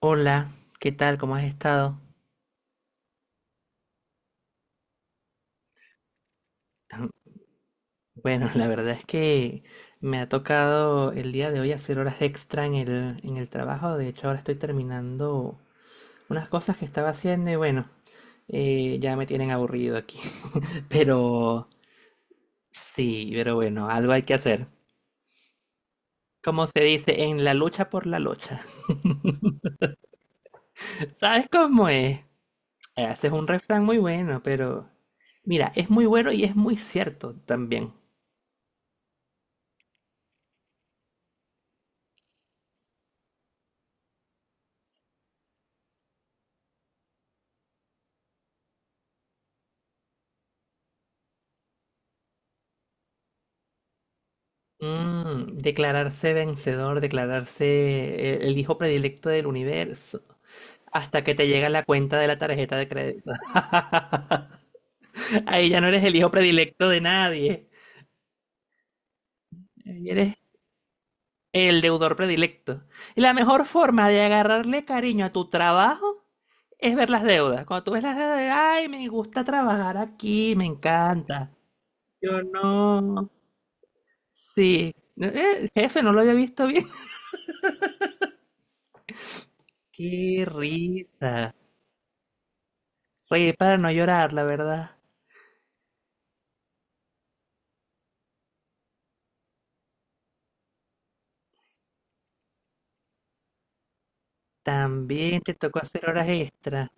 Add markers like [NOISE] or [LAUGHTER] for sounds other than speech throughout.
Hola, ¿qué tal? ¿Cómo has estado? Bueno, [LAUGHS] la verdad es que me ha tocado el día de hoy hacer horas extra en el trabajo. De hecho, ahora estoy terminando unas cosas que estaba haciendo y bueno, ya me tienen aburrido aquí. [LAUGHS] Pero sí, pero bueno, algo hay que hacer. Como se dice, en la lucha por la lucha. [LAUGHS] ¿Sabes cómo es? Ese es un refrán muy bueno, pero mira, es muy bueno y es muy cierto también. Mm, declararse vencedor, declararse el hijo predilecto del universo, hasta que te llega la cuenta de la tarjeta de crédito. [LAUGHS] Ahí ya no eres el hijo predilecto de nadie, ahí eres el deudor predilecto. Y la mejor forma de agarrarle cariño a tu trabajo es ver las deudas. Cuando tú ves las deudas, ay, me gusta trabajar aquí, me encanta. Yo no. Sí. Jefe, no lo había visto bien. [LAUGHS] Qué risa. Oye, para no llorar, la verdad. También te tocó hacer horas extra.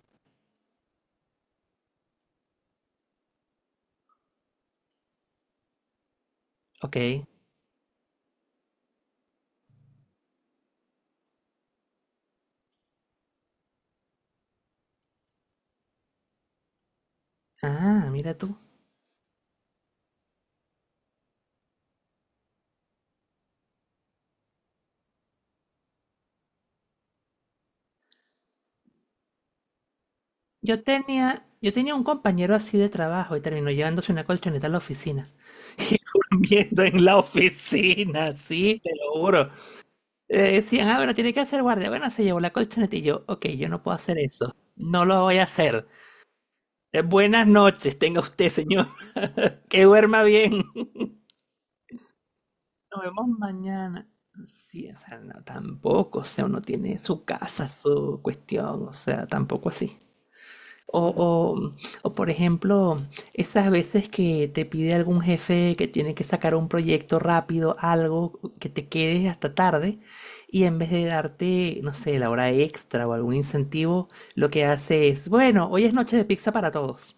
Ok. Ah, mira tú. Yo tenía un compañero así de trabajo y terminó llevándose una colchoneta a la oficina. [LAUGHS] Y durmiendo en la oficina, sí, te lo juro. Decían, ah, bueno, tiene que hacer guardia. Bueno, se llevó la colchoneta y yo, ok, yo no puedo hacer eso. No lo voy a hacer. Buenas noches, tenga usted, señor. [LAUGHS] Que duerma bien. Nos vemos mañana. Sí, o sea, no, tampoco, o sea, uno tiene su casa, su cuestión, o sea, tampoco así. O, o, o, por ejemplo, esas veces que te pide algún jefe que tiene que sacar un proyecto rápido, algo que te quedes hasta tarde, y en vez de darte, no sé, la hora extra o algún incentivo, lo que hace es, bueno, hoy es noche de pizza para todos.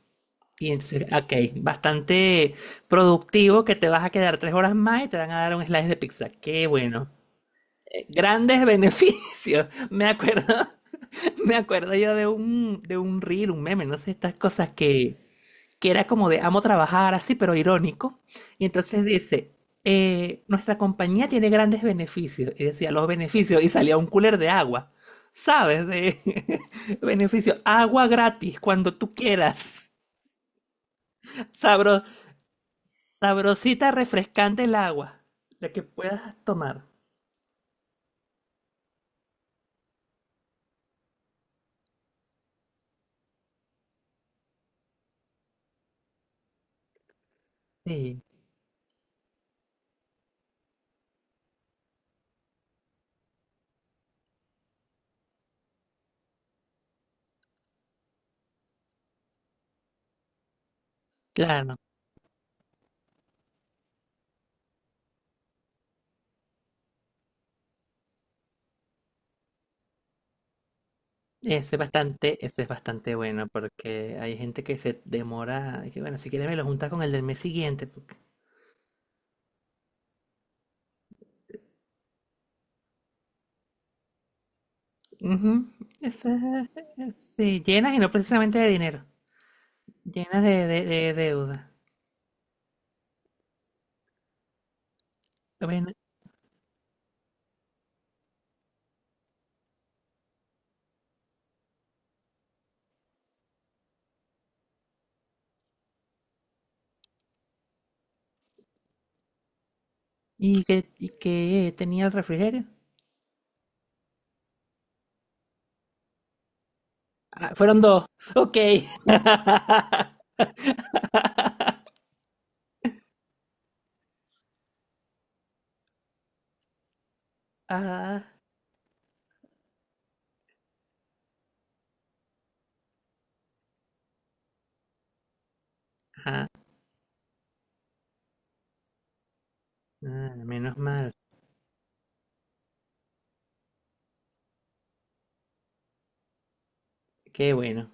Y entonces, ok, bastante productivo que te vas a quedar 3 horas más y te van a dar un slice de pizza. Qué bueno. Grandes beneficios. [LAUGHS] Me acuerdo, [LAUGHS] me acuerdo yo de un reel, un meme, no sé, estas cosas que era como de amo trabajar así, pero irónico. Y entonces dice, nuestra compañía tiene grandes beneficios. Y decía, los beneficios, y salía un cooler de agua. ¿Sabes? De [LAUGHS] beneficio, agua gratis cuando tú quieras. Sabro, Sabrosita, refrescante el agua, la que puedas tomar. Sí, claro. Ese es bastante bueno porque hay gente que se demora, que bueno, si quieres me lo juntas con el del mes siguiente. Porque... Ujú, ese sí, llenas y no precisamente de dinero, llenas de, de deuda. Bueno, y qué tenía el refrigerio? Ah, fueron dos. Ok. [LAUGHS] Ah, ah, ah, menos mal. Qué bueno.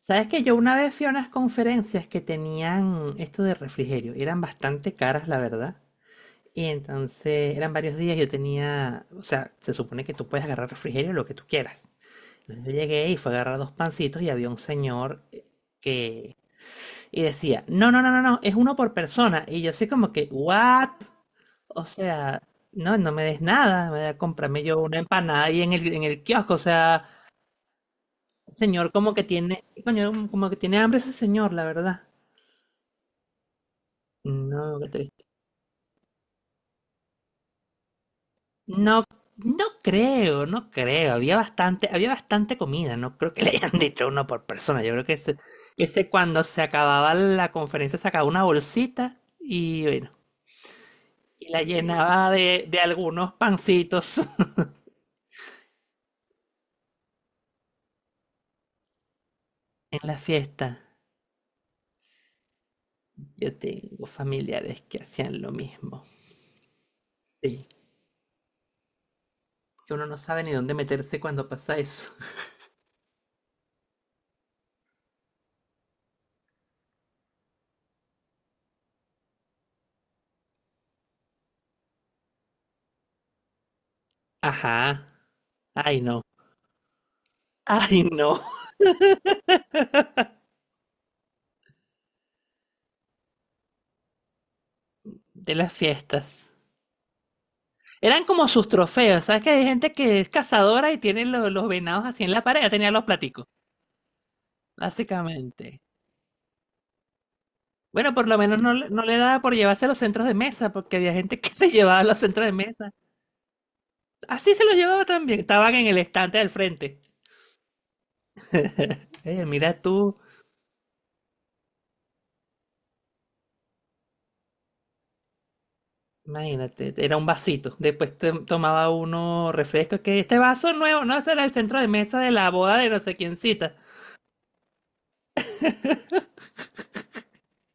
Sabes que yo una vez fui a unas conferencias que tenían esto de refrigerio, y eran bastante caras, la verdad. Y entonces eran varios días, yo tenía, o sea, se supone que tú puedes agarrar refrigerio lo que tú quieras. Entonces yo llegué y fue a agarrar dos pancitos y había un señor que y decía, "No, no, no, no, no, es uno por persona." Y yo así como que, "What?" O sea, no, no me des nada, me voy a comprarme yo una empanada ahí en el kiosco, o sea, señor como que tiene, coño, como que tiene hambre ese señor, la verdad. No, qué triste. No, no creo, no creo. Había bastante comida. No creo que le hayan [LAUGHS] dicho uno por persona. Yo creo que ese cuando se acababa la conferencia sacaba una bolsita y bueno, y la llenaba de algunos pancitos [LAUGHS] en la fiesta. Yo tengo familiares que hacían lo mismo. Sí, que uno no sabe ni dónde meterse cuando pasa eso. Ajá. Ay, no. Ay, no. De las fiestas. Eran como sus trofeos. ¿Sabes que hay gente que es cazadora y tiene los venados así en la pared? Ya tenía los platicos, básicamente. Bueno, por lo menos no, no le daba por llevarse los centros de mesa, porque había gente que [LAUGHS] se llevaba los centros de mesa. Así se los llevaba también. Estaban en el estante del frente. Mira tú, imagínate, era un vasito. Después tomaba uno refresco, que este vaso nuevo, no, ese era el centro de mesa de la boda de no sé quién cita.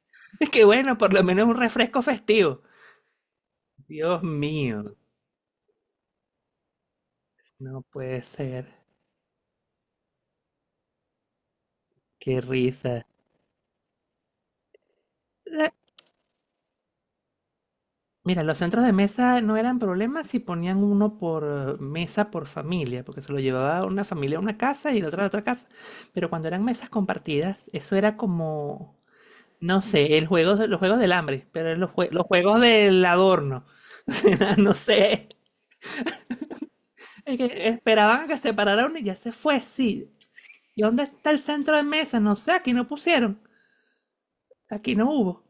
[LAUGHS] Es que bueno, por lo menos un refresco festivo. Dios mío, no puede ser. Qué risa. Eh, Mira, los centros de mesa no eran problemas si ponían uno por mesa por familia, porque se lo llevaba una familia a una casa y la otra a otra casa. Pero cuando eran mesas compartidas, eso era como, no sé, el juego, los juegos del hambre, pero eran los, los juegos del adorno. [LAUGHS] No sé. Es que esperaban a que se parara uno y ya se fue, sí. ¿Y dónde está el centro de mesa? No sé, aquí no pusieron. Aquí no hubo.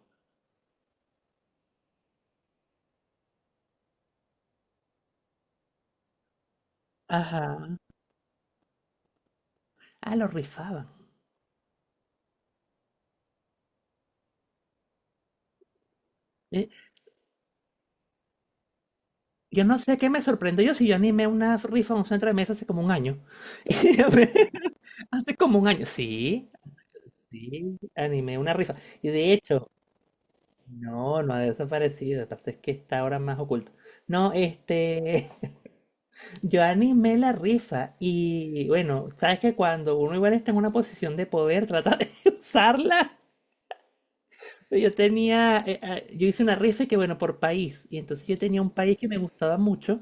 Ajá. Ah, lo rifaban. Eh, Yo no sé qué me sorprendió yo si yo animé una rifa en un centro de mesa hace como un año. [LAUGHS] Hace como un año, sí, sí, animé una rifa. Y de hecho, no, no ha desaparecido, lo que pasa es que está ahora más oculto. No, este, [LAUGHS] yo animé la rifa y bueno, sabes que cuando uno igual está en una posición de poder, trata de [LAUGHS] usarla. Yo tenía, yo hice una rifa y que bueno, por país, y entonces yo tenía un país que me gustaba mucho.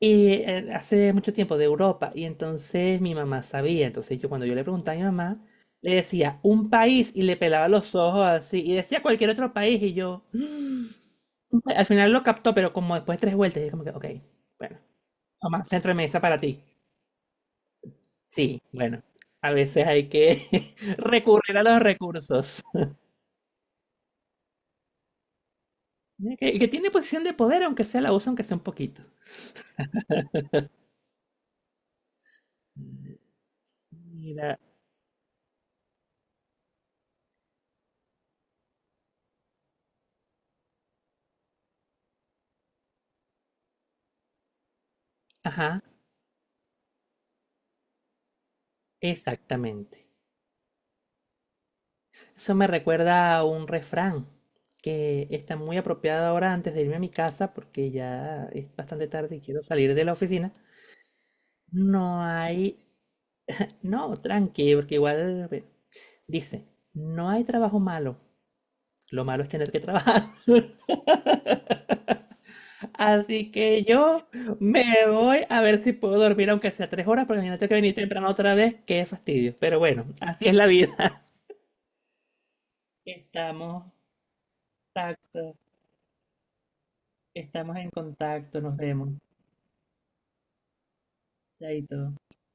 Y hace mucho tiempo de Europa, y entonces mi mamá sabía, entonces yo cuando yo le preguntaba a mi mamá, le decía un país y le pelaba los ojos así, y decía cualquier otro país, y yo "Mm". Al final lo captó, pero como después de tres vueltas, y como que, ok, bueno, mamá, centro de mesa para ti. Sí, bueno, a veces hay que [LAUGHS] recurrir a los recursos. ¿Eh? Que tiene posición de poder, aunque sea la usa, aunque sea un poquito. Mira, ajá, exactamente. Eso me recuerda a un refrán que está muy apropiado ahora antes de irme a mi casa porque ya es bastante tarde y quiero salir de la oficina. No hay... No, tranqui, porque igual... bueno, dice, no hay trabajo malo. Lo malo es tener que trabajar. [LAUGHS] Así que yo me voy a ver si puedo dormir aunque sea 3 horas porque mañana tengo que venir temprano otra vez. Qué fastidio. Pero bueno, así es la vida. [LAUGHS] Estamos... Exacto. Estamos en contacto, nos vemos. Chaito.